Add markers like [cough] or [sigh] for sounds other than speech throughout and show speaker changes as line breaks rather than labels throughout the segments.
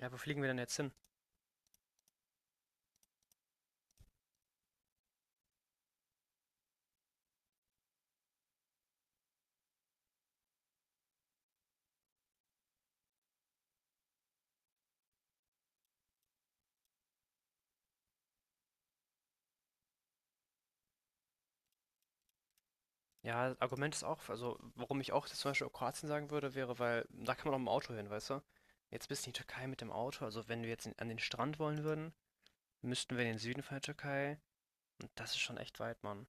Ja, wo fliegen wir denn jetzt hin? Ja, das Argument ist auch, also warum ich auch jetzt zum Beispiel Kroatien sagen würde, wäre, weil da kann man auch mit dem Auto hin, weißt du? Jetzt bist du in die Türkei mit dem Auto, also wenn wir jetzt in, an den Strand wollen würden, müssten wir in den Süden von der Türkei und das ist schon echt weit, Mann.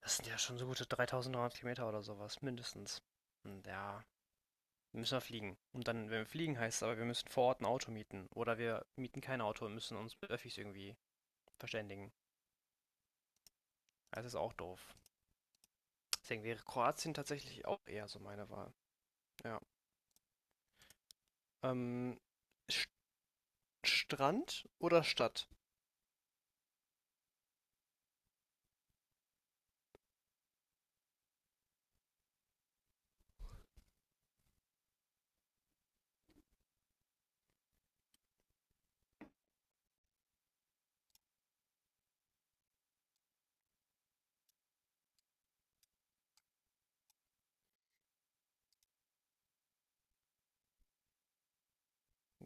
Das sind ja schon so gute 3300 Kilometer oder sowas, mindestens. Und ja, müssen wir fliegen. Und dann, wenn wir fliegen, heißt es aber, wir müssen vor Ort ein Auto mieten. Oder wir mieten kein Auto und müssen uns mit Öffis irgendwie verständigen. Also ist auch doof. Deswegen wäre Kroatien tatsächlich auch eher so meine Wahl. Ja. Ähm, St- Strand oder Stadt?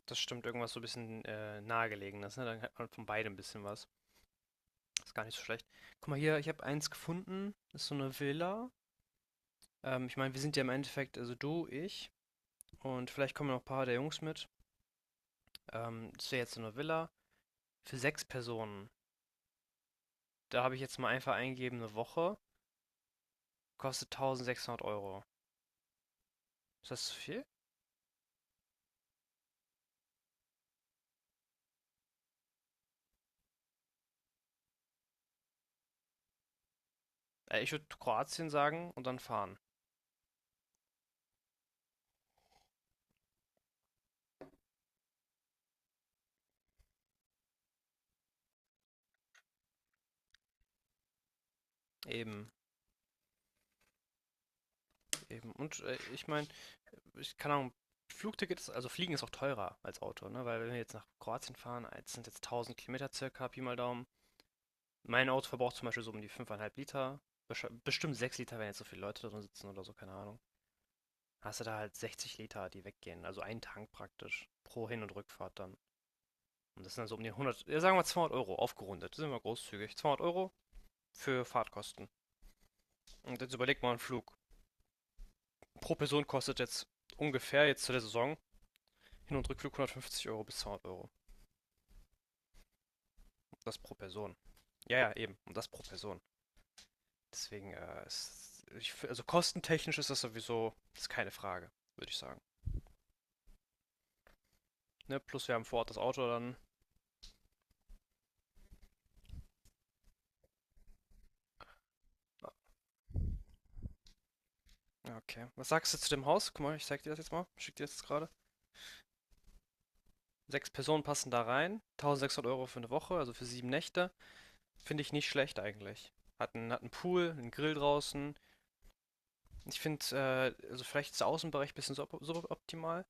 Das stimmt, irgendwas so ein bisschen nahegelegenes, ne? Dann hat man von beidem ein bisschen was. Ist gar nicht so schlecht. Guck mal hier, ich habe eins gefunden. Ist so eine Villa. Ich meine, wir sind ja im Endeffekt, also du, ich und vielleicht kommen noch ein paar der Jungs mit. Das wäre jetzt so eine Villa für sechs Personen. Da habe ich jetzt mal einfach eingegeben, eine Woche. Kostet 1600 Euro. Ist das zu viel? Ich würde Kroatien sagen und dann fahren. Eben, eben. Und ich meine, ich kann auch Flugtickets, also Fliegen ist auch teurer als Auto, ne? Weil wenn wir jetzt nach Kroatien fahren, es sind jetzt 1000 Kilometer circa, Pi mal Daumen. Mein Auto verbraucht zum Beispiel so um die 5,5 Liter. Bestimmt 6 Liter, wenn jetzt so viele Leute drin sitzen oder so, keine Ahnung. Hast du da halt 60 Liter, die weggehen. Also ein Tank praktisch. Pro Hin- und Rückfahrt dann. Und das sind also um die 100, ja, sagen wir 200 Euro, aufgerundet. Sind wir großzügig. 200 Euro für Fahrtkosten. Und jetzt überleg mal, ein Flug pro Person kostet jetzt ungefähr jetzt zu der Saison Hin- und Rückflug 150 Euro bis 200 Euro. Das pro Person. Ja, ja, eben. Und das pro Person. Deswegen, ist, ich, also kostentechnisch ist das sowieso, das ist keine Frage, würde ich sagen. Ne? Plus wir haben vor Ort das Auto dann. ah, Okay. Was sagst du zu dem Haus? Guck mal, ich zeig dir das jetzt mal. Schick dir das jetzt gerade. Sechs Personen passen da rein. 1600 Euro für eine Woche, also für 7 Nächte. Finde ich nicht schlecht eigentlich. Hat einen Pool, einen Grill draußen. Ich finde, also vielleicht ist der Außenbereich ein bisschen suboptimal,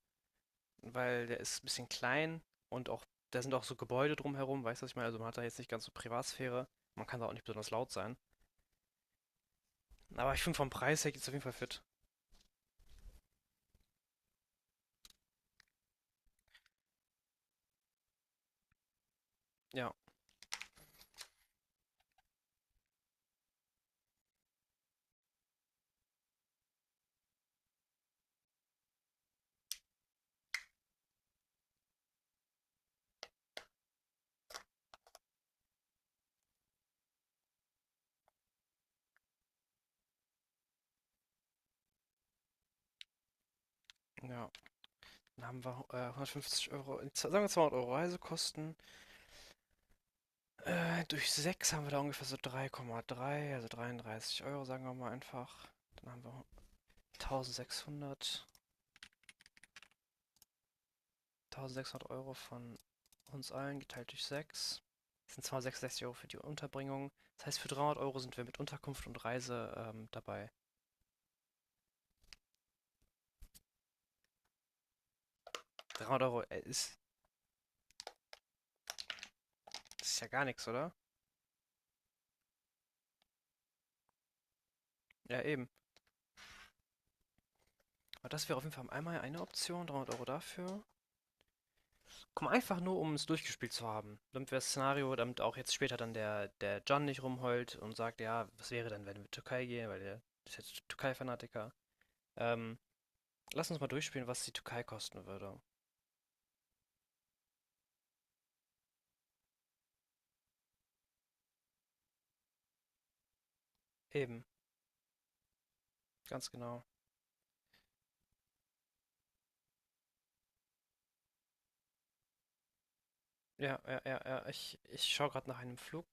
weil der ist ein bisschen klein und auch, da sind auch so Gebäude drumherum, weißt du, was ich meine? Also man hat da jetzt nicht ganz so Privatsphäre. Man kann da auch nicht besonders laut sein. Aber ich finde vom Preis her geht's auf jeden Fall fit. Ja, ja. Dann haben wir 150 Euro, sagen wir 200 Euro Reisekosten. Durch 6 haben wir da ungefähr so 3,3, also 33 Euro, sagen wir mal einfach. Dann haben wir 1600. 1600 Euro von uns allen geteilt durch sechs. Das sind 266 Euro für die Unterbringung. Das heißt, für 300 Euro sind wir mit Unterkunft und Reise dabei. 300 Euro ist ja gar nichts, oder? Ja, eben. Aber das wäre auf jeden Fall einmal eine Option, 300 Euro dafür. Komm, einfach nur, um es durchgespielt zu haben. Damit wir das Szenario, damit auch jetzt später dann der John nicht rumheult und sagt, ja, was wäre denn, wenn wir in die Türkei gehen, weil der ist jetzt Türkei-Fanatiker. Ähm, lass uns mal durchspielen, was die Türkei kosten würde. Eben, ganz genau. Ja, ja, ja, ja. Ich schaue gerade nach einem Flug.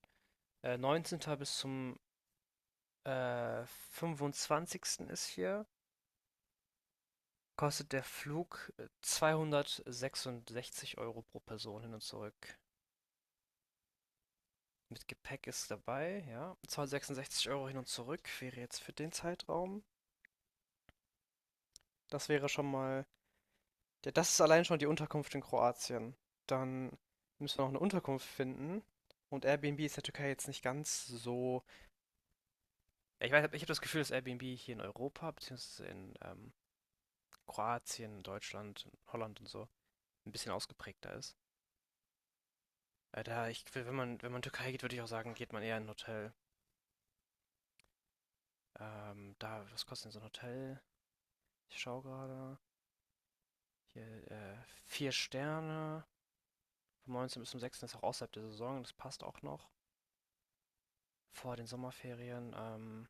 19. bis zum äh, 25. ist hier. Kostet der Flug 266 Euro pro Person hin und zurück. Mit Gepäck ist dabei, ja. Zweihundertsechsundsechzig Euro hin und zurück wäre jetzt für den Zeitraum. Das wäre schon mal. Ja, das ist allein schon die Unterkunft in Kroatien. Dann müssen wir noch eine Unterkunft finden. Und Airbnb ist in der Türkei jetzt nicht ganz so. Ja, ich weiß, ich habe das Gefühl, dass Airbnb hier in Europa, beziehungsweise in Kroatien, Deutschland, Holland und so, ein bisschen ausgeprägter ist. Da ich, wenn man in die Türkei geht, würde ich auch sagen, geht man eher in ein Hotel. Da, was kostet denn so ein Hotel? Ich schaue gerade. Hier, vier Sterne. Vom 19. bis zum 6. ist auch außerhalb der Saison. Das passt auch noch. Vor den Sommerferien. Ähm,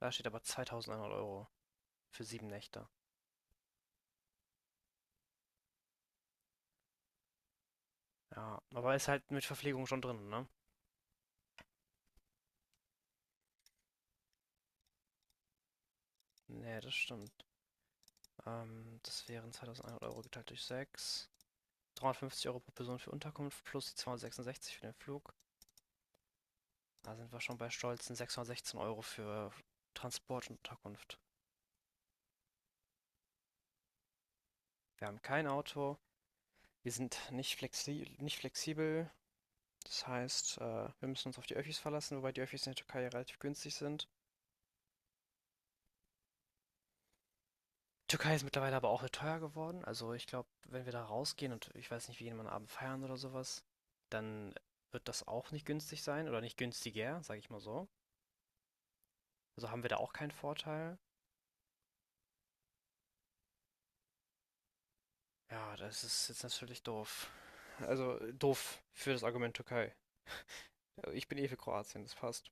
da steht aber 2100 Euro für 7 Nächte. Ja, aber ist halt mit Verpflegung schon drin, ne? Nee, das stimmt. Das wären 2100 Euro geteilt durch sechs. 350 Euro pro Person für Unterkunft plus die 266 für den Flug. Da sind wir schon bei stolzen 616 Euro für Transport und Unterkunft. Wir haben kein Auto. Wir sind nicht, flexi nicht flexibel. Das heißt, wir müssen uns auf die Öffis verlassen, wobei die Öffis in der Türkei relativ günstig sind. Die Türkei ist mittlerweile aber auch teuer geworden. Also ich glaube, wenn wir da rausgehen und ich weiß nicht, wie jemand am Abend feiern oder sowas, dann wird das auch nicht günstig sein oder nicht günstiger, sage ich mal so. Also haben wir da auch keinen Vorteil. Ja, das ist jetzt natürlich doof. Also doof für das Argument Türkei. Also ich bin eh für Kroatien, das passt.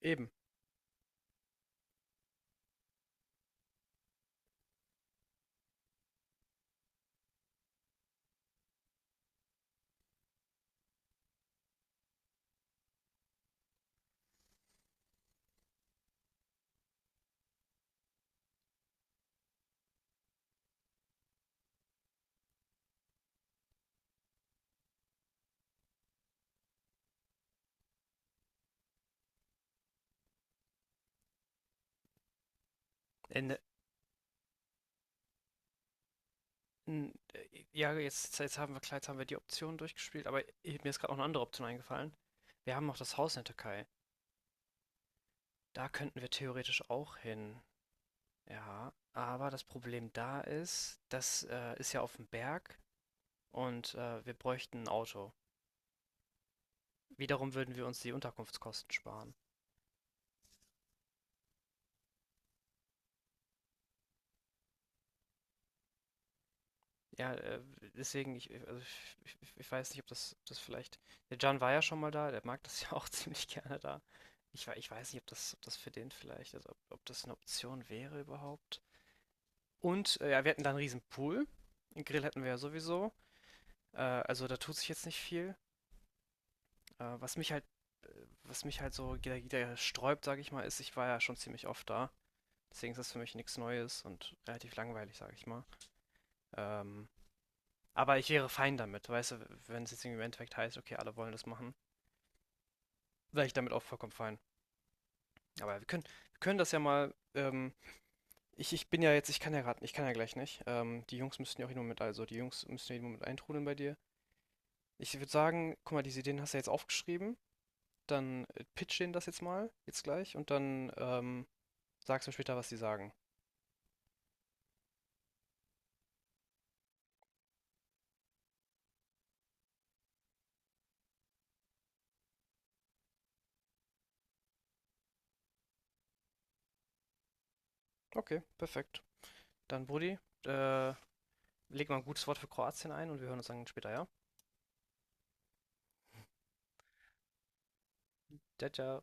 Eben. Ende. Ja, jetzt haben wir klar, jetzt haben wir die Option durchgespielt, aber mir ist gerade noch eine andere Option eingefallen. Wir haben noch das Haus in der Türkei. Da könnten wir theoretisch auch hin. Ja, aber das Problem da ist, das ist ja auf dem Berg und wir bräuchten ein Auto. Wiederum würden wir uns die Unterkunftskosten sparen. Ja, deswegen, also ich weiß nicht, ob das vielleicht. Der Can war ja schon mal da, der mag das ja auch [laughs] ziemlich gerne da. Ich weiß nicht, ob das für den vielleicht, also ob, ob das eine Option wäre überhaupt. Und ja, wir hatten da einen riesen Pool. Einen Grill hatten wir ja sowieso. Also da tut sich jetzt nicht viel. Äh, was mich halt, was mich halt so wieder sträubt, sage ich mal, ist, ich war ja schon ziemlich oft da. Deswegen ist das für mich nichts Neues und relativ langweilig, sage ich mal. Ähm, aber ich wäre fein damit, weißt du, wenn es jetzt irgendwie im Endeffekt heißt, okay, alle wollen das machen, wäre ich damit auch vollkommen fein. Aber wir können das ja mal. Ich bin ja jetzt, ich kann ja gerade, ich kann ja gleich nicht. Die Jungs müssten ja auch jeden Moment, also die Jungs müssen ja jeden Moment eintrudeln bei dir. Ich würde sagen, guck mal, diese Ideen hast du ja jetzt aufgeschrieben. Dann pitch denen das jetzt mal, jetzt gleich, und dann sagst du mir später, was sie sagen. Okay, perfekt. Dann, Brudi, äh, leg mal ein gutes Wort für Kroatien ein und wir hören uns dann später, ja? Ciao, ciao.